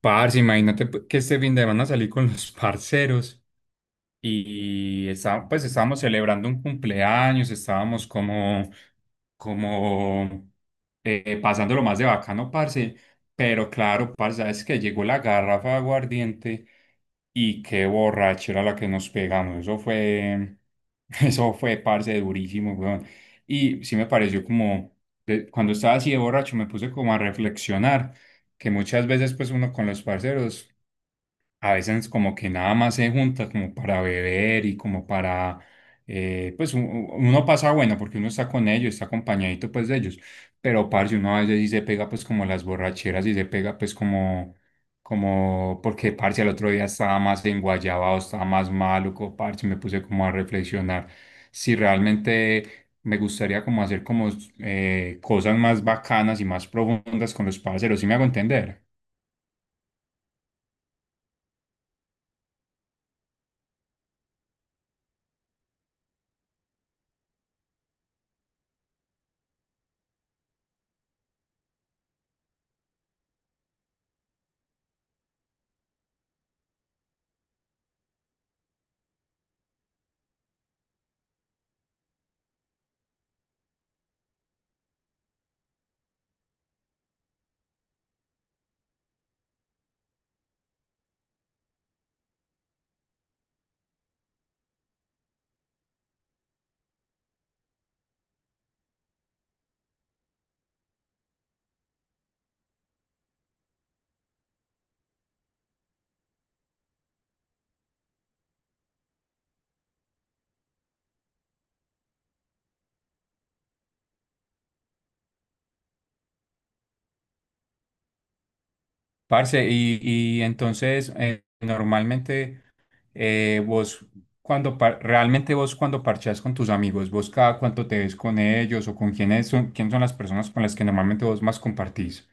Parce, imagínate pues, que este fin de semana salí con los parceros pues estábamos celebrando un cumpleaños, estábamos como, como pasándolo más de bacano, parce, pero claro, parce, sabes que llegó la garrafa de aguardiente y qué borrachera la que nos pegamos, eso fue, eso fue, parce, durísimo, weón. Y sí me pareció como, cuando estaba así de borracho me puse como a reflexionar que muchas veces pues uno con los parceros a veces como que nada más se junta como para beber y como para, pues uno pasa bueno porque uno está con ellos, está acompañadito pues de ellos, pero parce, uno a veces sí se pega pues como las borracheras y se pega pues como, como, porque parce el otro día estaba más enguayabado, estaba más maluco, parce, me puse como a reflexionar si realmente... Me gustaría como hacer como cosas más bacanas y más profundas con los parceros, ¿sí me hago entender? Parce, y entonces normalmente vos cuando realmente vos cuando parchás con tus amigos, vos cada cuánto te ves con ellos o con quiénes son, quién son las personas con las que normalmente vos más compartís.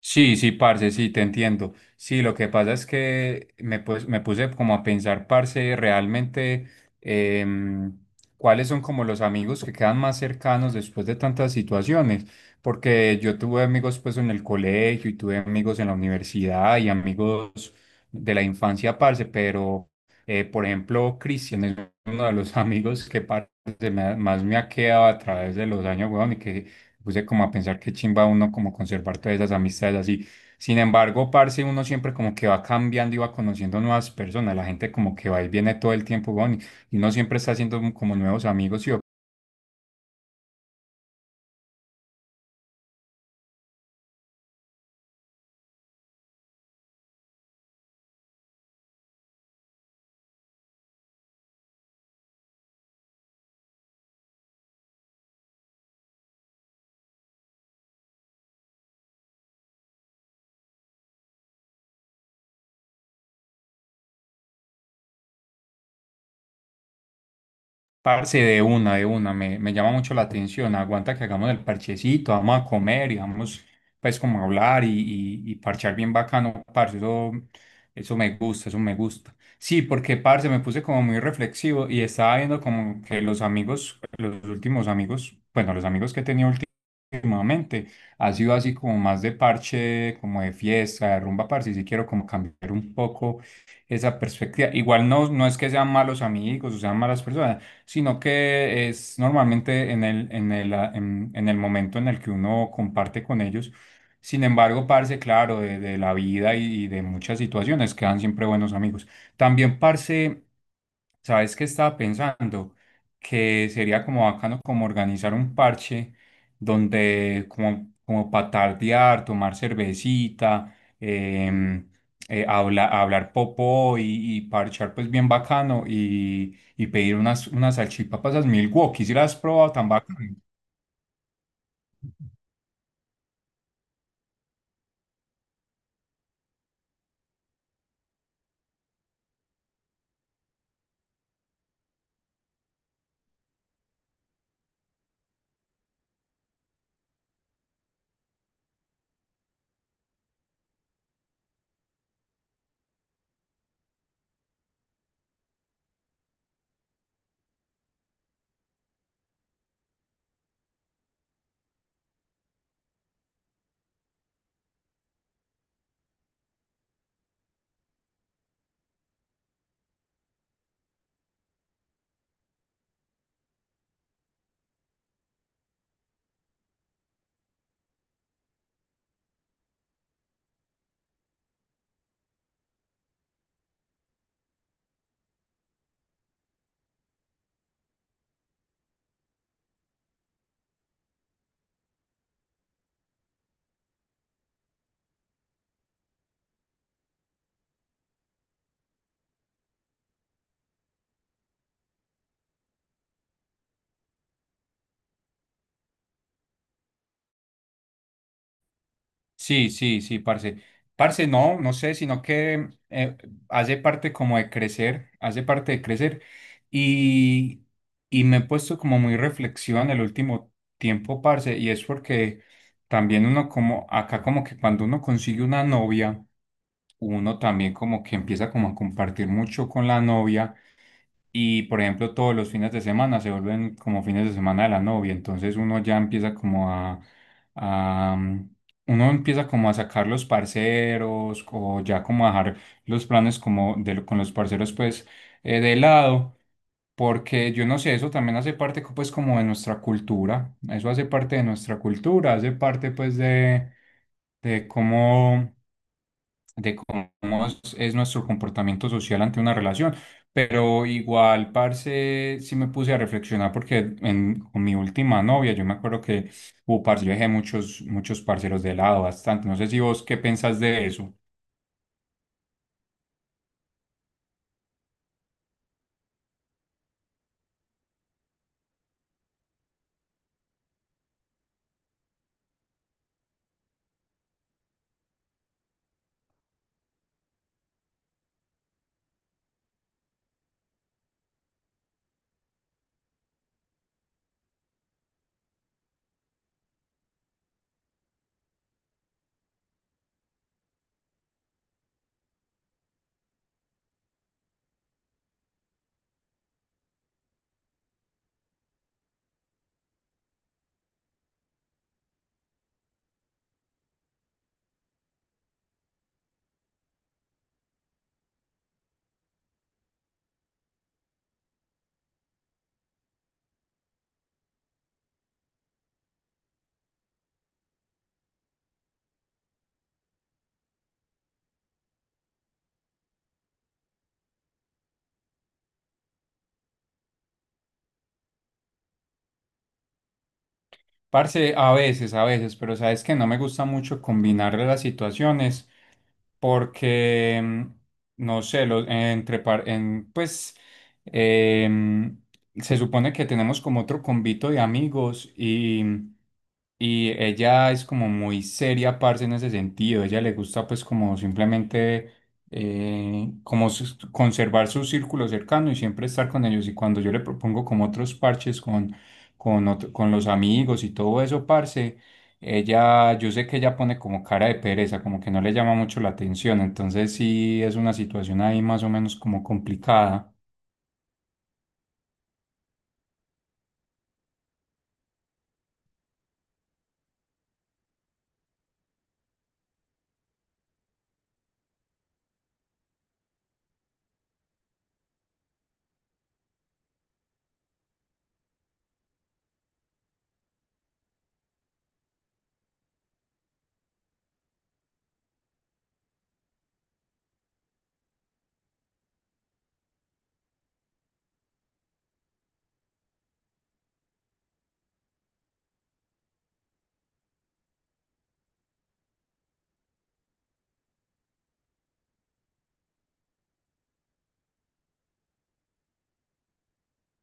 Sí, sí, parce, sí, te entiendo. Sí, lo que pasa es que me, pues, me puse como a pensar, parce, realmente em, cuáles son como los amigos que quedan más cercanos después de tantas situaciones. Porque yo tuve amigos pues en el colegio y tuve amigos en la universidad y amigos de la infancia, parce, pero por ejemplo, Cristian es uno de los amigos que parce, más me ha quedado a través de los años, weón, y que puse como a pensar que chimba uno como conservar todas esas amistades así. Sin embargo, parce, uno siempre como que va cambiando y va conociendo nuevas personas. La gente como que va y viene todo el tiempo, weón, y uno siempre está haciendo como nuevos amigos, ¿sí? Parce, de una, me llama mucho la atención. Aguanta que hagamos el parchecito, vamos a comer y vamos, pues, como a hablar y parchar bien bacano, parce. Eso me gusta, eso me gusta. Sí, porque, parce, me puse como muy reflexivo y estaba viendo como que los amigos, los últimos amigos, bueno, los amigos que he tenido últimamente, ha sido así como más de parche, como de fiesta, de rumba, parce. Y sí quiero como cambiar un poco esa perspectiva. Igual no, no es que sean malos amigos o sean malas personas sino que es normalmente en el, ah, en el momento en el que uno comparte con ellos. Sin embargo, parce, claro, de la vida y de muchas situaciones quedan siempre buenos amigos. También, parce, ¿sabes qué estaba pensando? Que sería como bacano como organizar un parche donde como, como patardear, tomar cervecita, em, hablar popó y parchar pues bien bacano y pedir unas salchipapas al Milwaukee. ¿Si las has probado tan bacano? Sí, sí, sí, parce. Parce, no, no sé, sino que hace parte como de crecer, hace parte de crecer y, y me he puesto como muy reflexión el último tiempo, parce, y es porque también uno como, acá como que cuando uno consigue una novia, uno también como que empieza como a compartir mucho con la novia y por ejemplo, todos los fines de semana se vuelven como fines de semana de la novia, entonces uno ya empieza como a, uno empieza como a sacar los parceros o ya como a dejar los planes como de, con los parceros pues de lado, porque yo no sé, eso también hace parte pues como de nuestra cultura, eso hace parte de nuestra cultura, hace parte pues de, de cómo de cómo es nuestro comportamiento social ante una relación. Pero igual, parce, sí me puse a reflexionar porque en, con mi última novia, yo me acuerdo que, parce, yo dejé muchos, muchos parceros de lado bastante. No sé si vos qué pensás de eso. Parce, a veces, pero sabes que no me gusta mucho combinar las situaciones porque, no sé, pues em, se supone que tenemos como otro convito de amigos y, y ella es como muy seria, parce, en ese sentido. Ella le gusta pues como simplemente como conservar su círculo cercano y siempre estar con ellos. Y cuando yo le propongo como otros parches con los amigos y todo eso, parce. Ella, yo sé que ella pone como cara de pereza, como que no le llama mucho la atención, entonces sí es una situación ahí más o menos como complicada.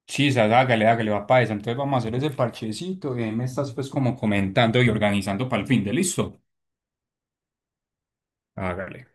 Sí Chisas, hágale, hágale, va para esa. Entonces vamos a hacer ese parchecito y ahí me estás pues como comentando y organizando para el fin de listo. Hágale.